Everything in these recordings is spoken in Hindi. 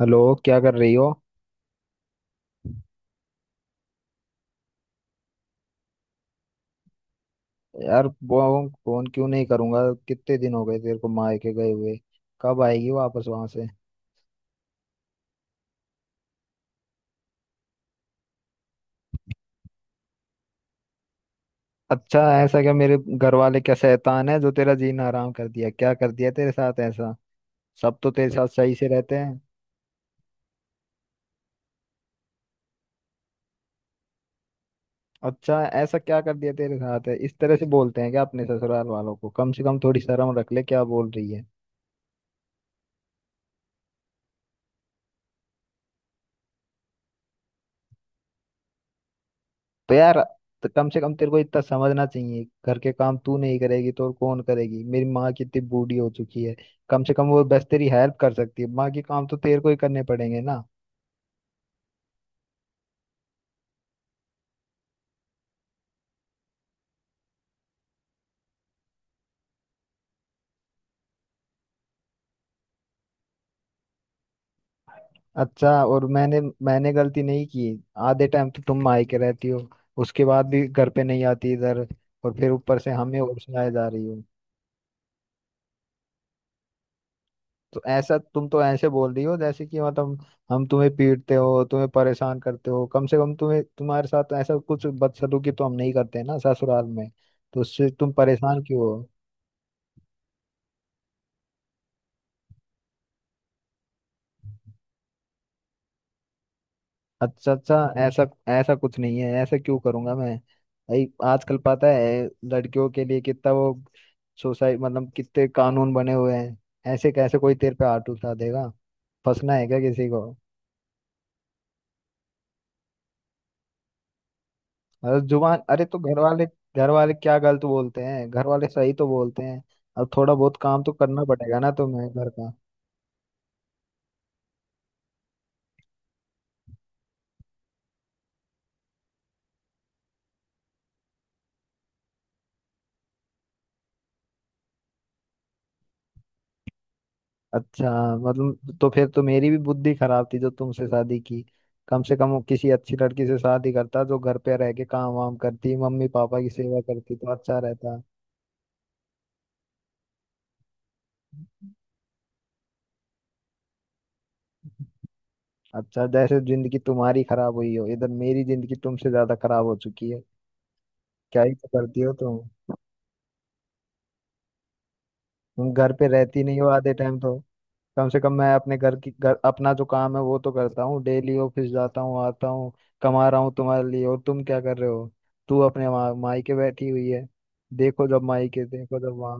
हेलो। क्या कर रही हो? यार वो फोन क्यों नहीं करूंगा? कितने दिन हो गए तेरे को मायके गए हुए? कब आएगी वापस वहां से? अच्छा, ऐसा क्या? मेरे घर वाले क्या शैतान है जो तेरा जीना हराम कर दिया? क्या कर दिया तेरे साथ ऐसा? सब तो तेरे साथ सही से रहते हैं। अच्छा, ऐसा क्या कर दिया तेरे साथ है? इस तरह से बोलते हैं क्या अपने ससुराल वालों को? कम से कम थोड़ी शर्म रख ले, क्या बोल रही है। तो यार, तो कम से कम तेरे को इतना समझना चाहिए, घर के काम तू नहीं करेगी तो और कौन करेगी? मेरी माँ कितनी बूढ़ी हो चुकी है। कम से कम वो बस तेरी हेल्प कर सकती है, माँ के काम तो तेरे को ही करने पड़ेंगे ना। अच्छा, और मैंने मैंने गलती नहीं की? आधे टाइम तो तुम मायके रहती हो, उसके बाद भी घर पे नहीं आती इधर, और फिर ऊपर से हमें और सुनाए जा रही हो। तो ऐसा, तुम तो ऐसे बोल रही हो जैसे कि मतलब हम तुम्हें पीटते हो, तुम्हें परेशान करते हो। कम से कम तुम्हें, तुम्हारे साथ ऐसा कुछ बदसलूकी तो हम नहीं करते ना ससुराल में। तो उससे तुम परेशान क्यों हो? अच्छा, अच्छा। ऐसा ऐसा कुछ नहीं है, ऐसा क्यों करूंगा मैं? भाई, आजकल पता है लड़कियों के लिए कितना वो सोसाइटी, मतलब कितने कानून बने हुए हैं। ऐसे कैसे कोई तेरे पे हाथ उठा देगा? फंसना है क्या किसी को? अरे जुबान, अरे तो घर वाले क्या गलत बोलते हैं? घर वाले सही तो बोलते हैं। अब थोड़ा बहुत काम तो करना पड़ेगा ना तुम्हें घर का। अच्छा, मतलब तो फिर तो मेरी भी बुद्धि खराब थी जो तुमसे शादी की। कम से कम वो किसी अच्छी लड़की से शादी करता, जो घर पे रह के काम वाम करती, मम्मी पापा की सेवा करती, तो अच्छा रहता। अच्छा, जैसे जिंदगी तुम्हारी खराब हुई हो, इधर मेरी जिंदगी तुमसे ज्यादा खराब हो चुकी है। क्या ही तो करती हो तुम? तुम घर पे रहती नहीं हो आधे टाइम तो। कम से कम मैं अपने घर की, घर अपना जो काम है वो तो करता हूँ, डेली ऑफिस जाता हूँ, आता हूँ, कमा रहा हूँ तुम्हारे लिए, और तुम क्या कर रहे हो? तू अपने वहाँ मायके बैठी हुई है। देखो जब मायके, देखो जब वहाँ।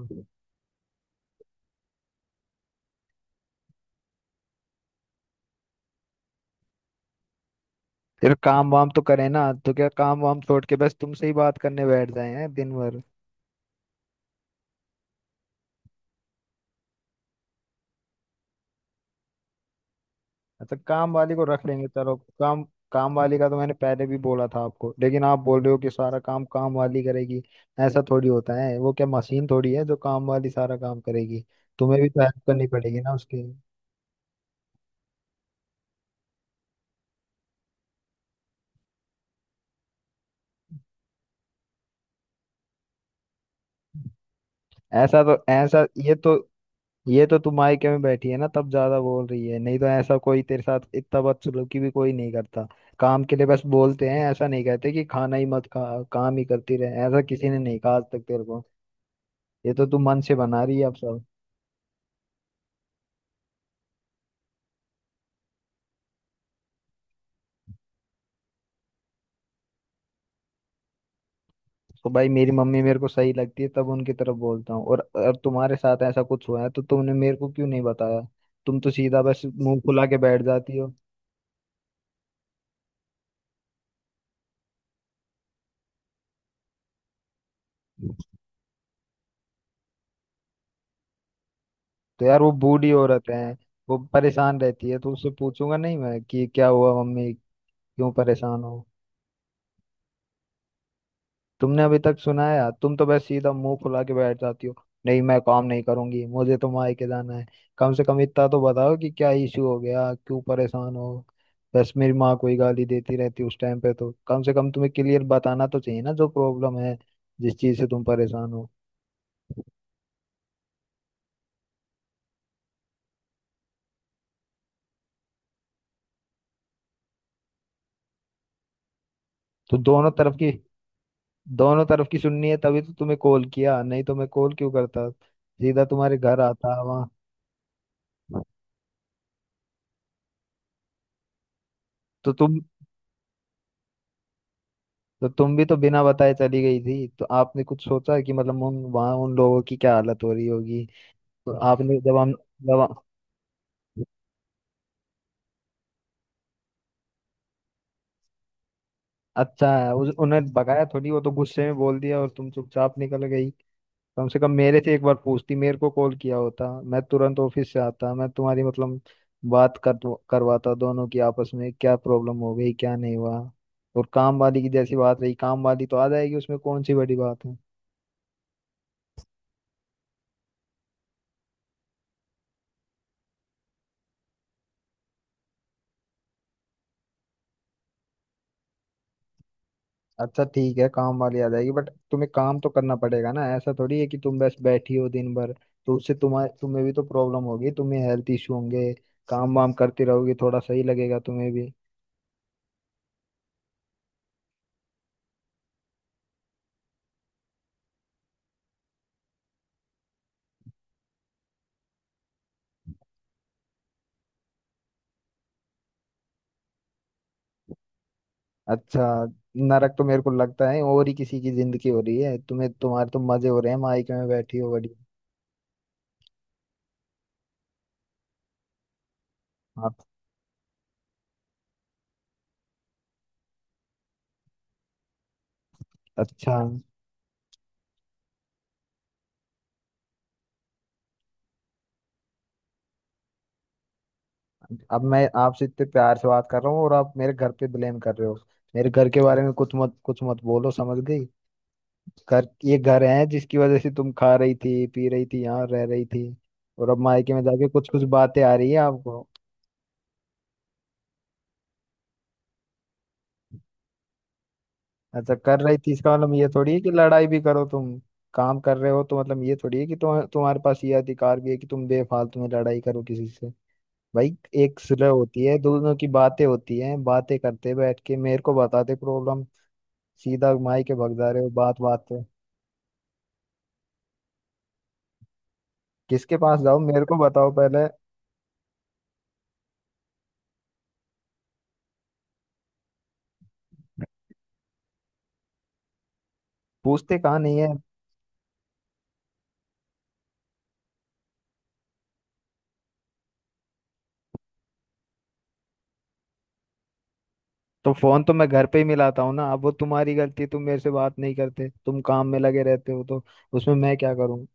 फिर काम वाम तो करे ना, तो क्या काम वाम छोड़ के बस तुमसे ही बात करने बैठ जाए हैं दिन भर? अच्छा, काम वाली को रख लेंगे, चलो। काम काम वाली का तो मैंने पहले भी बोला था आपको, लेकिन आप बोल रहे हो कि सारा काम काम वाली करेगी। ऐसा थोड़ी होता है, वो क्या मशीन थोड़ी है जो काम वाली सारा काम करेगी? तुम्हें भी तो हेल्प करनी पड़ेगी ना उसके। ऐसा तो, ऐसा ये तो, ये तो तुम मायके में बैठी है ना तब ज्यादा बोल रही है। नहीं तो ऐसा कोई तेरे साथ इतना बदसलूकी भी कोई नहीं करता। काम के लिए बस बोलते हैं, ऐसा नहीं कहते कि खाना ही मत खा, काम ही करती रहे। ऐसा किसी ने नहीं कहा आज तक तेरे को। ये तो तू मन से बना रही है अब सब। तो भाई, मेरी मम्मी मेरे को सही लगती है तब उनकी तरफ बोलता हूँ, और अब तुम्हारे साथ ऐसा कुछ हुआ है तो तुमने मेरे को क्यों नहीं बताया? तुम तो सीधा बस मुंह फुला के बैठ जाती हो। तो यार, वो बूढ़ी औरत है, वो परेशान रहती है, तो उससे पूछूंगा नहीं मैं कि क्या हुआ मम्मी क्यों परेशान हो? तुमने अभी तक सुना है? तुम तो बस सीधा मुंह फुला के बैठ जाती हो, नहीं मैं काम नहीं करूंगी, मुझे तो मायके जाना है। कम से कम इतना तो बताओ कि क्या इशू हो गया, क्यों परेशान हो, बस मेरी माँ कोई गाली देती रहती उस टाइम पे। तो कम से कम तुम्हें क्लियर बताना तो चाहिए ना, जो प्रॉब्लम है, जिस चीज से तुम परेशान हो। तो दोनों तरफ की सुननी है तभी तो तुम्हें कॉल किया, नहीं तो मैं कॉल क्यों करता, सीधा तुम्हारे घर आता वहाँ। तो तुम तो तुम भी तो बिना बताए चली गई थी, तो आपने कुछ सोचा कि मतलब उन वहाँ उन लोगों की क्या हालत हो रही होगी? तो आपने जब हम, जब हम-। अच्छा, है उस, उन्हें भगाया थोड़ी, वो तो गुस्से में बोल दिया और तुम चुपचाप निकल गई। कम से कम मेरे से एक बार पूछती, मेरे को कॉल किया होता, मैं तुरंत ऑफिस से आता, मैं तुम्हारी मतलब बात कर, करवाता दोनों की आपस में, क्या प्रॉब्लम हो गई क्या नहीं हुआ। और काम वाली की जैसी बात रही, काम वाली तो आ जाएगी, उसमें कौन सी बड़ी बात है? अच्छा, ठीक है, काम वाली आ जाएगी, बट तुम्हें काम तो करना पड़ेगा ना, ऐसा थोड़ी है कि तुम बस बैठी हो दिन भर। तो उससे तुम्हारे तुम्हें भी तो प्रॉब्लम होगी, तुम्हें हेल्थ इशू होंगे। काम वाम करती रहोगी, थोड़ा सही लगेगा तुम्हें भी। अच्छा, नरक तो मेरे को लगता है और ही किसी की जिंदगी हो रही है, तुम्हें, तुम्हारे तो मजे हो रहे हैं मायके में बैठी हो बड़ी। आप अच्छा, अब मैं आपसे इतने प्यार से बात कर रहा हूँ और आप मेरे घर पे ब्लेम कर रहे हो? मेरे घर के बारे में कुछ मत बोलो, समझ गई? घर, ये घर है जिसकी वजह से तुम खा रही थी, पी रही थी, यहाँ रह रही थी, और अब मायके में जाके कुछ कुछ बातें आ रही है आपको। अच्छा, कर रही थी इसका मतलब ये थोड़ी है कि लड़ाई भी करो तुम? काम कर रहे हो तो मतलब ये थोड़ी है कि तुम्हारे पास ये अधिकार भी है कि तुम बेफालतू में लड़ाई करो किसी से? भाई, एक सुलह होती है, दोनों की बातें होती हैं, बातें करते बैठ के मेरे को बताते प्रॉब्लम, सीधा मायके भग जा रहे हो बात बात पे। किसके पास जाओ, मेरे को बताओ पहले। पूछते कहाँ नहीं है? तो फोन तो मैं घर पे ही मिलाता हूँ ना, अब वो तुम्हारी गलती है, तुम मेरे से बात नहीं करते, तुम काम में लगे रहते हो, तो उसमें मैं क्या करूँ?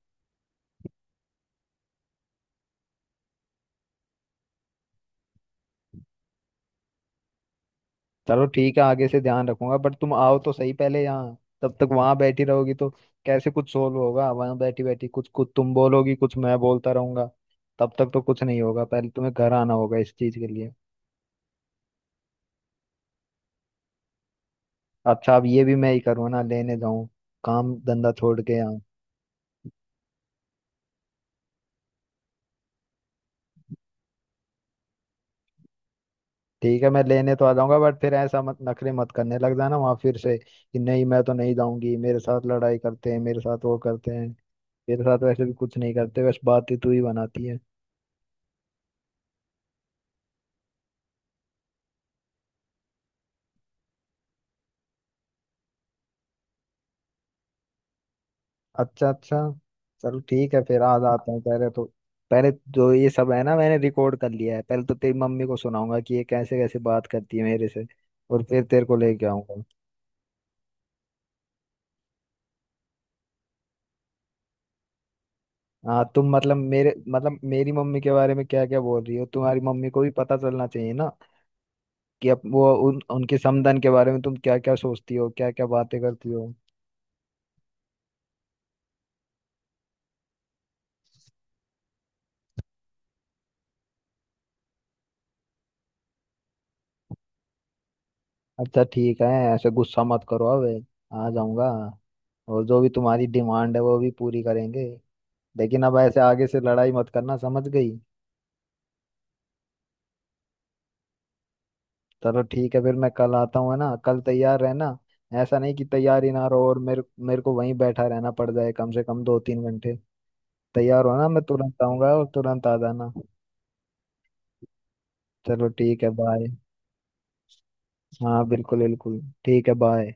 चलो, ठीक है, आगे से ध्यान रखूंगा, बट तुम आओ तो सही पहले यहाँ, तब तक वहां बैठी रहोगी तो कैसे कुछ सोल्व होगा? वहां बैठी बैठी कुछ कुछ तुम बोलोगी, कुछ मैं बोलता रहूंगा, तब तक तो कुछ नहीं होगा। पहले तुम्हें घर आना होगा इस चीज के लिए। अच्छा, अब ये भी मैं ही करूँ ना, लेने जाऊँ काम धंधा छोड़ के यहाँ? ठीक है, मैं लेने तो आ जाऊंगा, बट फिर ऐसा मत, नखरे मत करने लग जाना वहां फिर से कि नहीं मैं तो नहीं जाऊंगी, मेरे साथ लड़ाई करते हैं, मेरे साथ वो करते हैं। मेरे साथ वैसे भी कुछ नहीं करते, बस बातें तू ही बनाती है। अच्छा, अच्छा। चल ठीक है, फिर आज आता हूँ पहले तो। पहले जो ये सब है ना, मैंने रिकॉर्ड कर लिया है, पहले तो तेरी मम्मी को सुनाऊंगा कि ये कैसे कैसे बात करती है मेरे से, और फिर तेरे को लेके आऊंगा। हाँ, तुम मतलब, मेरे मतलब मेरी मम्मी के बारे में क्या क्या बोल रही हो, तुम्हारी मम्मी को भी पता चलना चाहिए ना, कि अप वो, उन उनके समधन के बारे में तुम क्या क्या सोचती हो, क्या क्या बातें करती हो। अच्छा, ठीक है, ऐसे गुस्सा मत करो अब, आ जाऊंगा, और जो भी तुम्हारी डिमांड है वो भी पूरी करेंगे, लेकिन अब ऐसे आगे से लड़ाई मत करना, समझ गई? चलो, ठीक है, फिर मैं कल आता हूँ, है ना, कल तैयार रहना। ऐसा नहीं कि तैयार ही ना रहो और मेरे मेरे को वहीं बैठा रहना पड़ जाए कम से कम 2-3 घंटे। तैयार हो ना, मैं तुरंत आऊंगा और तुरंत आ जाना। चलो, ठीक है, बाय। हाँ, बिल्कुल बिल्कुल ठीक है, बाय।